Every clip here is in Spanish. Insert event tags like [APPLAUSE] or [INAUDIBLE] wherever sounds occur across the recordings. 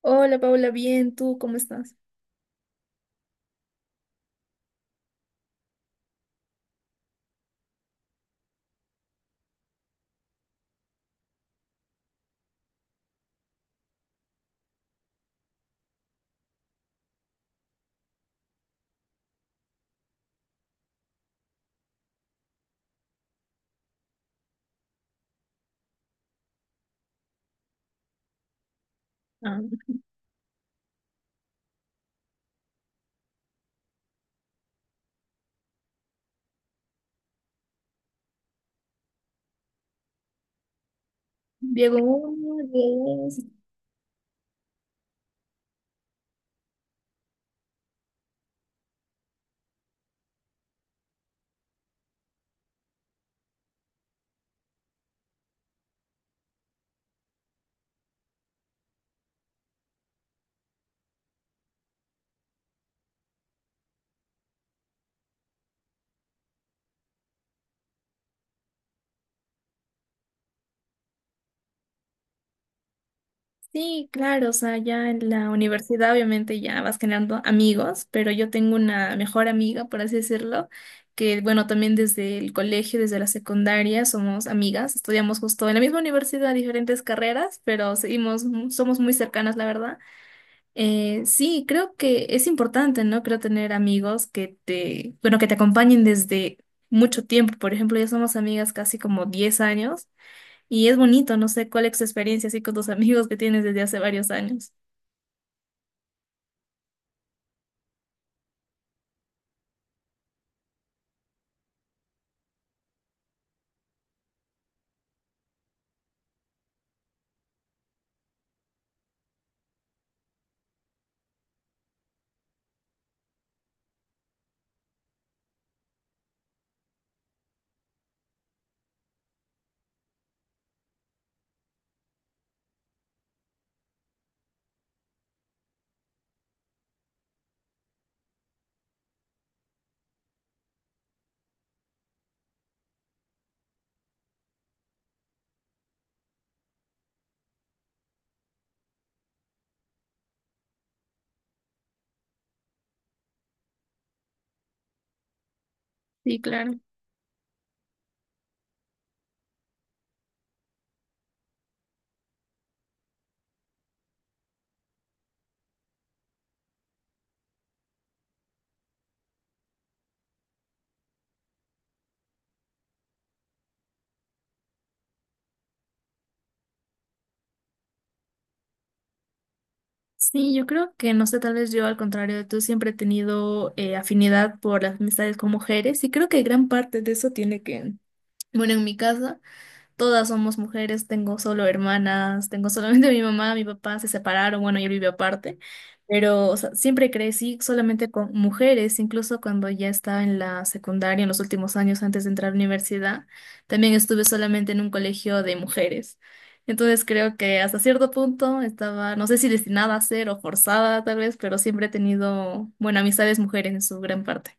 Hola Paula, bien, ¿tú cómo estás? Ah, Diego, uno, dos. Sí, claro, o sea, ya en la universidad obviamente ya vas generando amigos, pero yo tengo una mejor amiga, por así decirlo, que bueno, también desde el colegio, desde la secundaria somos amigas, estudiamos justo en la misma universidad, diferentes carreras, pero seguimos, somos muy cercanas, la verdad. Sí, creo que es importante, ¿no? Creo tener amigos que te, bueno, que te acompañen desde mucho tiempo. Por ejemplo, ya somos amigas casi como 10 años y es bonito, no sé cuál es tu experiencia así con tus [LAUGHS] amigos que tienes desde hace varios años. Sí, claro. Sí, yo creo que, no sé, tal vez yo, al contrario de tú, siempre he tenido afinidad por las amistades con mujeres y creo que gran parte de eso tiene que, bueno, en mi casa. Todas somos mujeres, tengo solo hermanas, tengo solamente [LAUGHS] mi mamá, mi papá se separaron, bueno, yo vivo aparte, pero o sea, siempre crecí solamente con mujeres, incluso cuando ya estaba en la secundaria, en los últimos años antes de entrar a la universidad, también estuve solamente en un colegio de mujeres. Entonces creo que hasta cierto punto estaba, no sé si destinada a ser o forzada tal vez, pero siempre he tenido, bueno, amistades mujeres en su gran parte.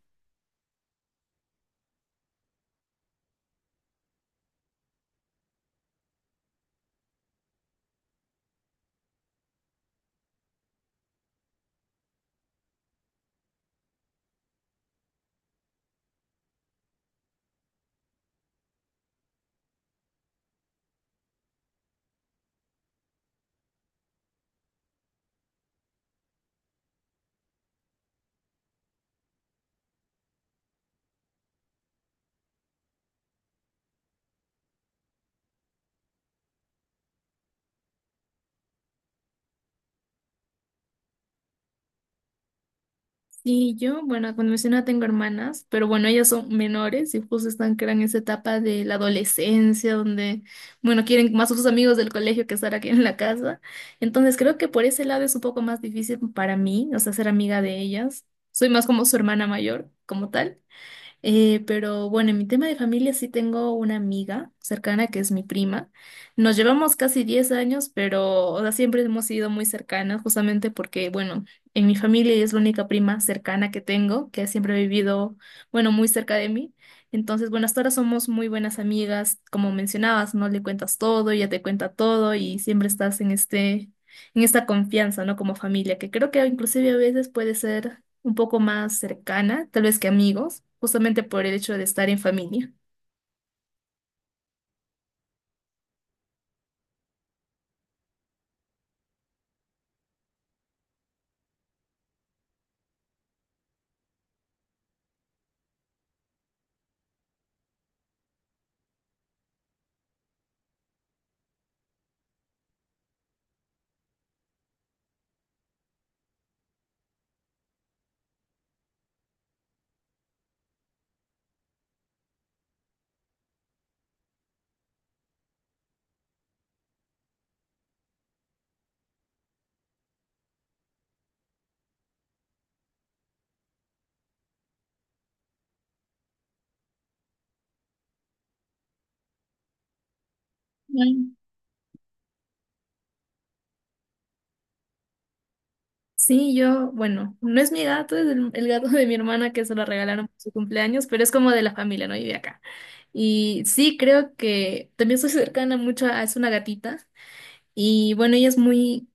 Sí, yo, bueno, cuando mencioné tengo hermanas, pero bueno, ellas son menores y justo están que eran en esa etapa de la adolescencia, donde, bueno, quieren más a sus amigos del colegio que estar aquí en la casa. Entonces creo que por ese lado es un poco más difícil para mí, o sea, ser amiga de ellas. Soy más como su hermana mayor, como tal. Pero bueno, en mi tema de familia sí tengo una amiga cercana que es mi prima. Nos llevamos casi 10 años, pero o sea, siempre hemos sido muy cercanas, justamente porque, bueno, en mi familia ella es la única prima cercana que tengo, que siempre ha vivido, bueno, muy cerca de mí. Entonces, bueno, hasta ahora somos muy buenas amigas, como mencionabas, no le cuentas todo, ella te cuenta todo y siempre estás en este, en esta confianza, ¿no? Como familia, que creo que inclusive a veces puede ser un poco más cercana, tal vez que amigos, justamente por el hecho de estar en familia. Mm. Sí, yo, bueno, no es mi gato, es el gato de mi hermana que se lo regalaron por su cumpleaños, pero es como de la familia, ¿no? Vive acá. Y sí, creo que también soy cercana mucho a, es una gatita y bueno, ella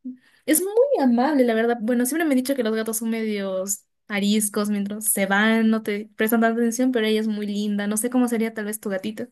es muy amable, la verdad. Bueno, siempre me he dicho que los gatos son medios ariscos mientras se van, no te prestan tanta atención, pero ella es muy linda. No sé cómo sería tal vez tu gatita.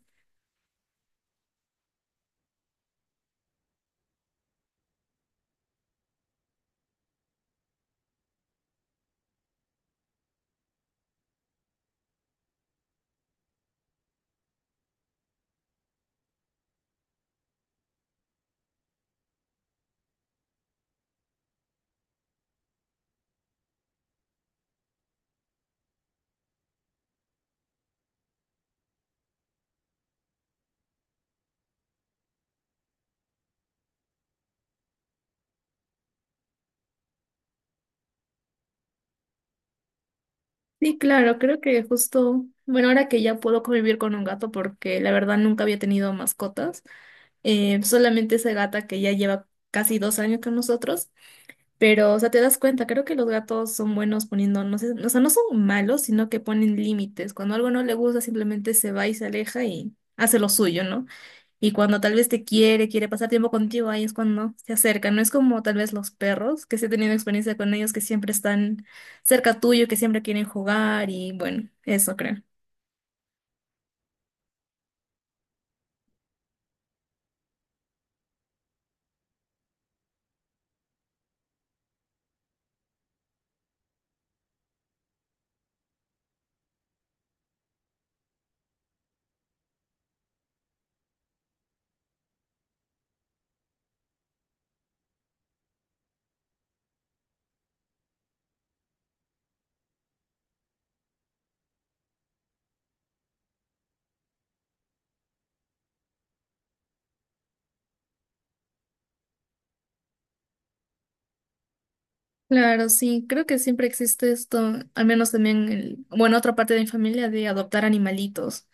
Sí, claro, creo que justo, bueno, ahora que ya puedo convivir con un gato, porque la verdad nunca había tenido mascotas, solamente esa gata que ya lleva casi 2 años con nosotros, pero, o sea, te das cuenta, creo que los gatos son buenos poniendo, no sé, o sea, no son malos, sino que ponen límites. Cuando algo no le gusta, simplemente se va y se aleja y hace lo suyo, ¿no? Y cuando tal vez te quiere, quiere pasar tiempo contigo, ahí es cuando se acerca. No es como tal vez los perros, que sí he tenido experiencia con ellos, que siempre están cerca tuyo, que siempre quieren jugar y bueno, eso creo. Claro, sí, creo que siempre existe esto, al menos también, bueno, otra parte de mi familia de adoptar animalitos,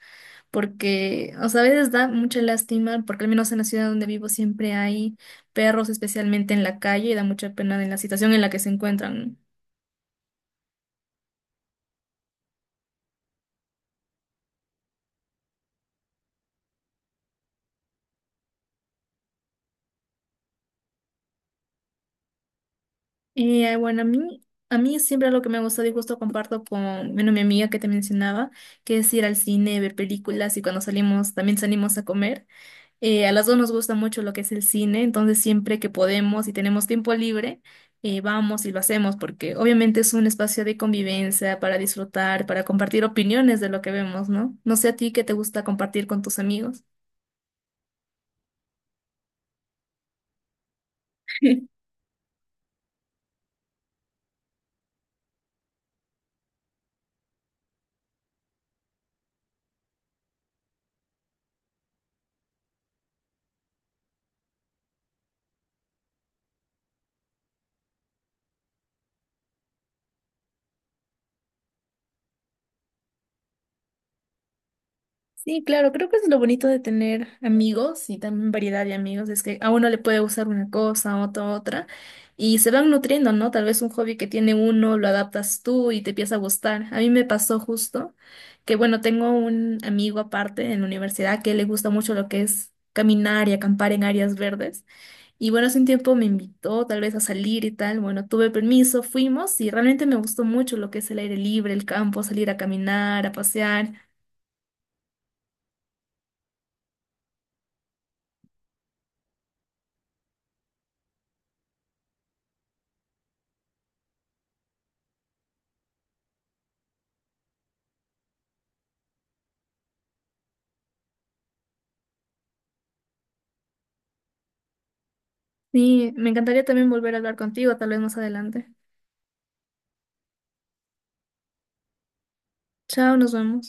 porque, o sea, a veces da mucha lástima, porque al menos en la ciudad donde vivo siempre hay perros, especialmente en la calle, y da mucha pena en la situación en la que se encuentran, ¿no? Bueno, a mí siempre lo que me gusta y justo comparto con, bueno, mi amiga que te mencionaba, que es ir al cine, ver películas y cuando salimos también salimos a comer. A las dos nos gusta mucho lo que es el cine, entonces siempre que podemos y tenemos tiempo libre, vamos y lo hacemos porque obviamente es un espacio de convivencia para disfrutar, para compartir opiniones de lo que vemos, ¿no? No sé a ti qué te gusta compartir con tus amigos. [LAUGHS] Sí, claro, creo que eso es lo bonito de tener amigos y también variedad de amigos, es que a uno le puede gustar una cosa, a otro otra, y se van nutriendo, ¿no? Tal vez un hobby que tiene uno lo adaptas tú y te empieza a gustar. A mí me pasó justo que, bueno, tengo un amigo aparte en la universidad que le gusta mucho lo que es caminar y acampar en áreas verdes, y bueno, hace un tiempo me invitó tal vez a salir y tal, bueno, tuve permiso, fuimos y realmente me gustó mucho lo que es el aire libre, el campo, salir a caminar, a pasear. Sí, me encantaría también volver a hablar contigo, tal vez más adelante. Chao, nos vemos.